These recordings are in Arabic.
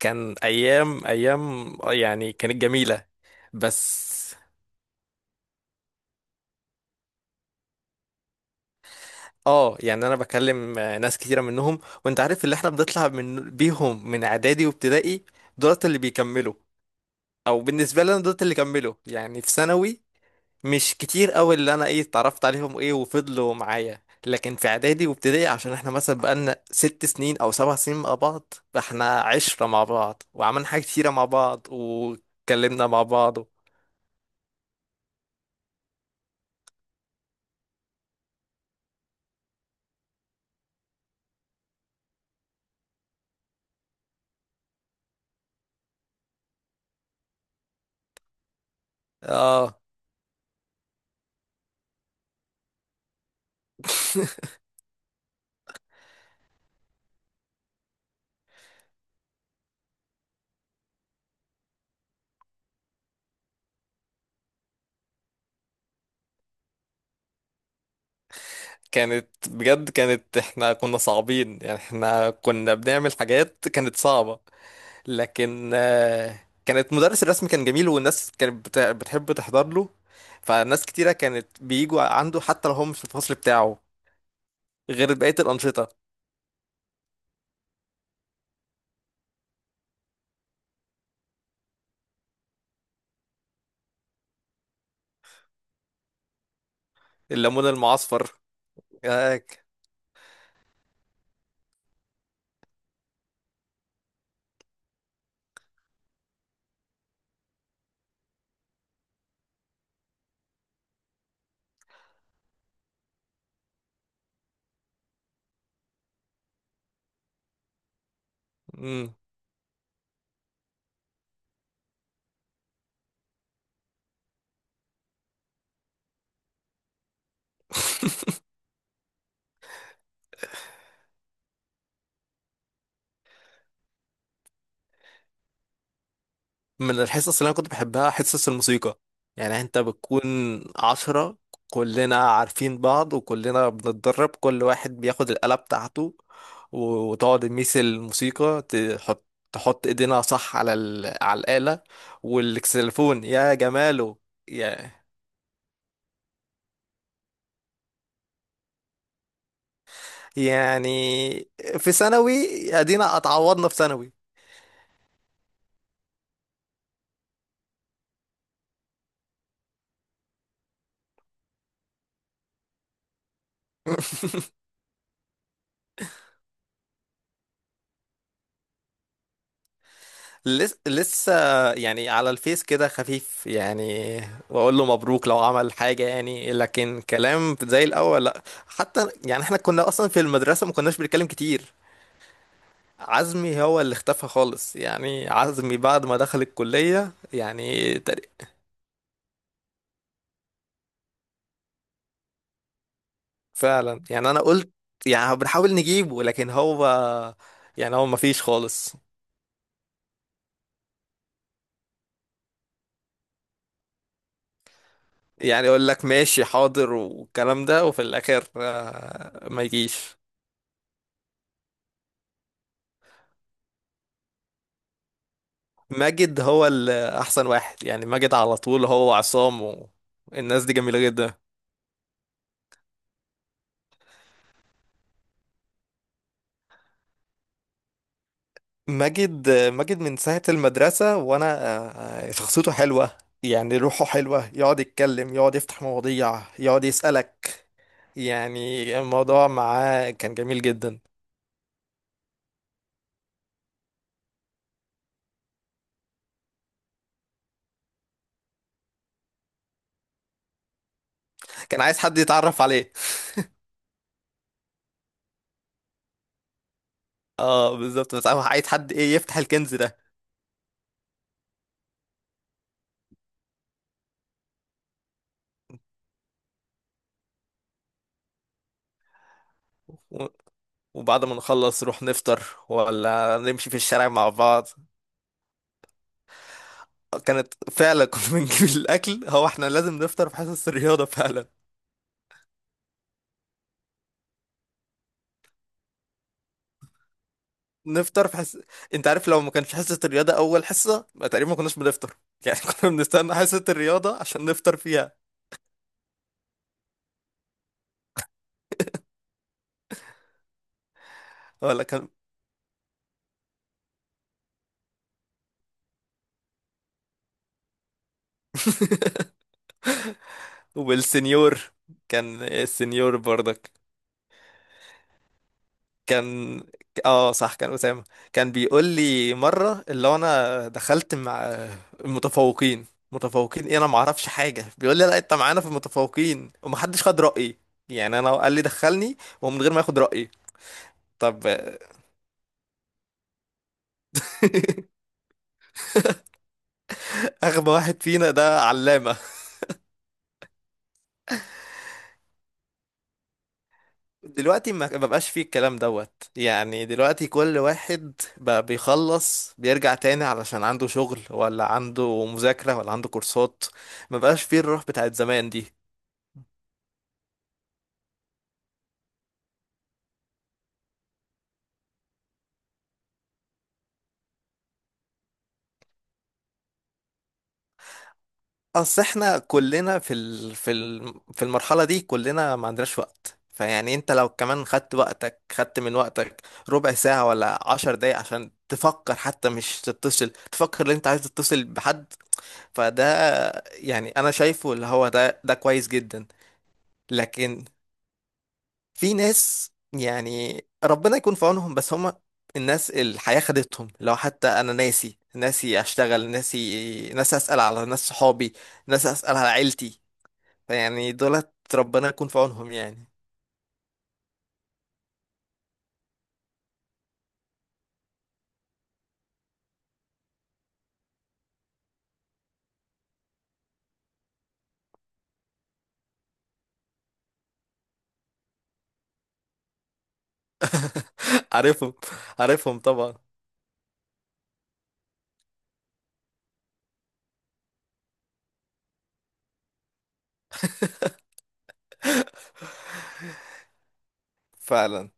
كان ايام ايام، يعني كانت جميله. بس اه يعني انا بكلم ناس كتيره منهم. وانت عارف اللي احنا بنطلع من بيهم من اعدادي وابتدائي، دولت اللي بيكملوا. او بالنسبه لي انا دولت اللي كملوا يعني في ثانوي. مش كتير قوي اللي انا ايه اتعرفت عليهم ايه وفضلوا معايا، لكن في اعدادي وابتدائي عشان احنا مثلا بقالنا 6 سنين او 7 سنين مع بعض، فاحنا عشرة مع بعض، وعملنا حاجات كتيره مع بعض، واتكلمنا مع بعض. اه كانت بجد، احنا كنا صعبين، يعني احنا كنا بنعمل حاجات كانت صعبة. لكن كانت مدرس الرسم كان جميل، والناس كانت بتحب تحضر له. فناس كتيرة كانت بيجوا عنده، حتى لو هم مش في الفصل بتاعه، غير بقية الأنشطة. الليمون المعصفر. آه، ك- مم. من الحصص اللي انا كنت بحبها حصص الموسيقى، يعني انت بتكون عشرة، كلنا عارفين بعض، وكلنا بنتدرب، كل واحد بياخد الآلة بتاعته، و- وتقعد تميس الموسيقى، تحط ايدينا صح على الآلة. والكسلفون يا جماله. يا يعني في ثانوي ادينا اتعوضنا في ثانوي. لسه يعني، على الفيس كده خفيف يعني، بقول له مبروك لو عمل حاجة يعني، لكن كلام زي الأول لا حتى، يعني احنا كنا أصلا في المدرسة ما كناش بنتكلم كتير. عزمي هو اللي اختفى خالص، يعني عزمي بعد ما دخل الكلية يعني فعلا، يعني أنا قلت يعني بنحاول نجيبه، لكن هو يعني هو ما فيش خالص. يعني يقول لك ماشي حاضر والكلام ده، وفي الآخر ما يجيش. ماجد هو الأحسن واحد، يعني ماجد على طول، هو عصام. والناس دي جميلة جدا. ماجد من ساعة المدرسة وأنا، شخصيته حلوة. يعني روحه حلوة، يقعد يتكلم، يقعد يفتح مواضيع، يقعد يسألك، يعني الموضوع معاه كان جميل جدا. كان عايز حد يتعرف عليه. اه، بالظبط. بس أنا عايز حد ايه يفتح الكنز ده. و- وبعد ما نخلص نروح نفطر، ولا نمشي في الشارع مع بعض. كانت فعلا، كنا بنجيب الاكل. هو احنا لازم نفطر في حصص الرياضه فعلا. نفطر في حص... انت عارف، لو ما كانش حصه الرياضه اول حصه، ما تقريبا ما كناش بنفطر. يعني كنا بنستنى حصه الرياضه عشان نفطر فيها. ولا كان. والسنيور، كان السنيور برضك. كان، اه صح، كان أسامة. كان بيقول لي مرة اللي هو انا دخلت مع المتفوقين. متفوقين ايه؟ انا ما اعرفش حاجة. بيقول لي لا، انت معانا في المتفوقين، ومحدش خد رأيي. يعني انا قال لي دخلني، ومن غير ما ياخد رأيي. طب اغبى واحد فينا ده علامة. دلوقتي ما بقاش فيه الكلام دوت، يعني دلوقتي كل واحد بقى بيخلص بيرجع تاني علشان عنده شغل، ولا عنده مذاكرة، ولا عنده كورسات. ما بقاش فيه الروح بتاعت زمان دي. اصل احنا كلنا في المرحله دي، كلنا ما عندناش وقت، فيعني انت لو كمان خدت من وقتك ربع ساعه ولا 10 دقايق عشان تفكر، حتى مش تتصل، تفكر ان انت عايز تتصل بحد. فده يعني انا شايفه اللي هو ده كويس جدا. لكن في ناس، يعني ربنا يكون في عونهم، بس هم الناس الحياة خدتهم، لو حتى أنا ناسي ناسي أشتغل، ناسي ناسي أسأل على ناس صحابي، ناسي أسأل على عيلتي. يعني دولت ربنا يكون في عونهم يعني. عارفهم. عارفهم طبعا. فعلا.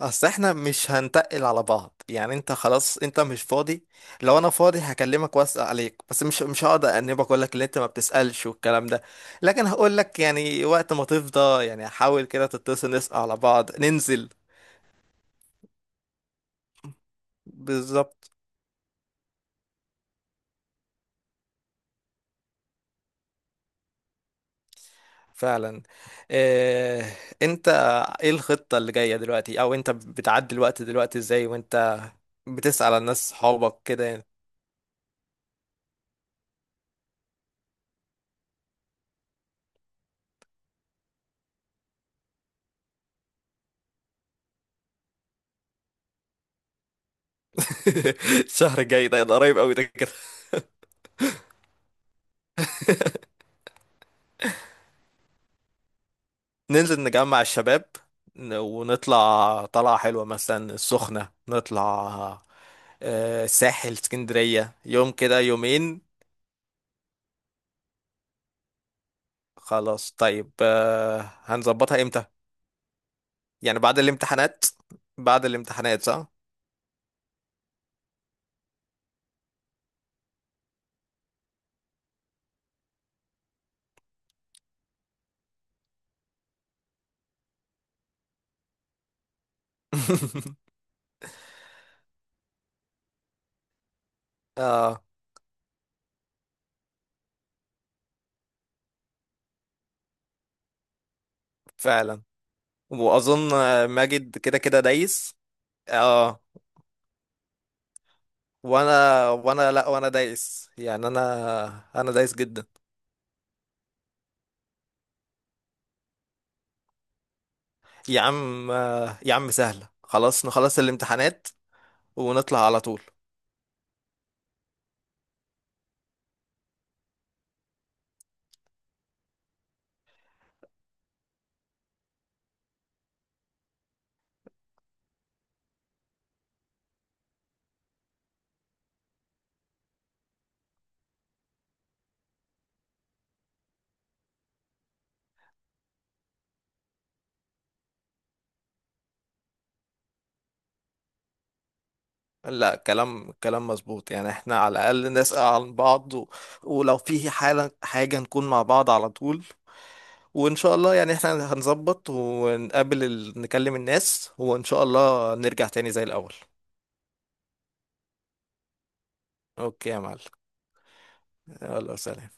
اصل احنا مش هنتقل على بعض، يعني انت خلاص، انت مش فاضي. لو انا فاضي هكلمك واسأل عليك، بس مش هقعد انبك اقول لك اللي انت ما بتسألش والكلام ده. لكن هقول لك يعني وقت ما تفضى، يعني حاول كده تتصل، نسأل على بعض، ننزل. بالظبط. فعلا. إيه انت، ايه الخطة اللي جاية دلوقتي، او انت بتعدي الوقت دلوقتي ازاي، وانت بتسأل على الناس صحابك كده يعني؟ الشهر الجاي، ده قريب قوي ده كده. ننزل نجمع الشباب، ونطلع طلعة حلوة، مثلا السخنة نطلع الساحل، اسكندرية، يوم كده يومين. خلاص طيب. هنظبطها امتى؟ يعني بعد الامتحانات. بعد الامتحانات صح؟ اه، فعلا. واظن ماجد كده كده دايس. اه، وانا لا، وانا دايس، يعني انا دايس جدا. يا عم، يا عم سهلة، خلاص نخلص الامتحانات ونطلع على طول. لا، كلام كلام مظبوط، يعني احنا على الأقل نسأل عن بعض و... ولو في حالة حاجة نكون مع بعض على طول. وإن شاء الله يعني احنا هنظبط، ونقابل نكلم الناس، وإن شاء الله نرجع تاني زي الأول. أوكي يا معلم. يلا سلام.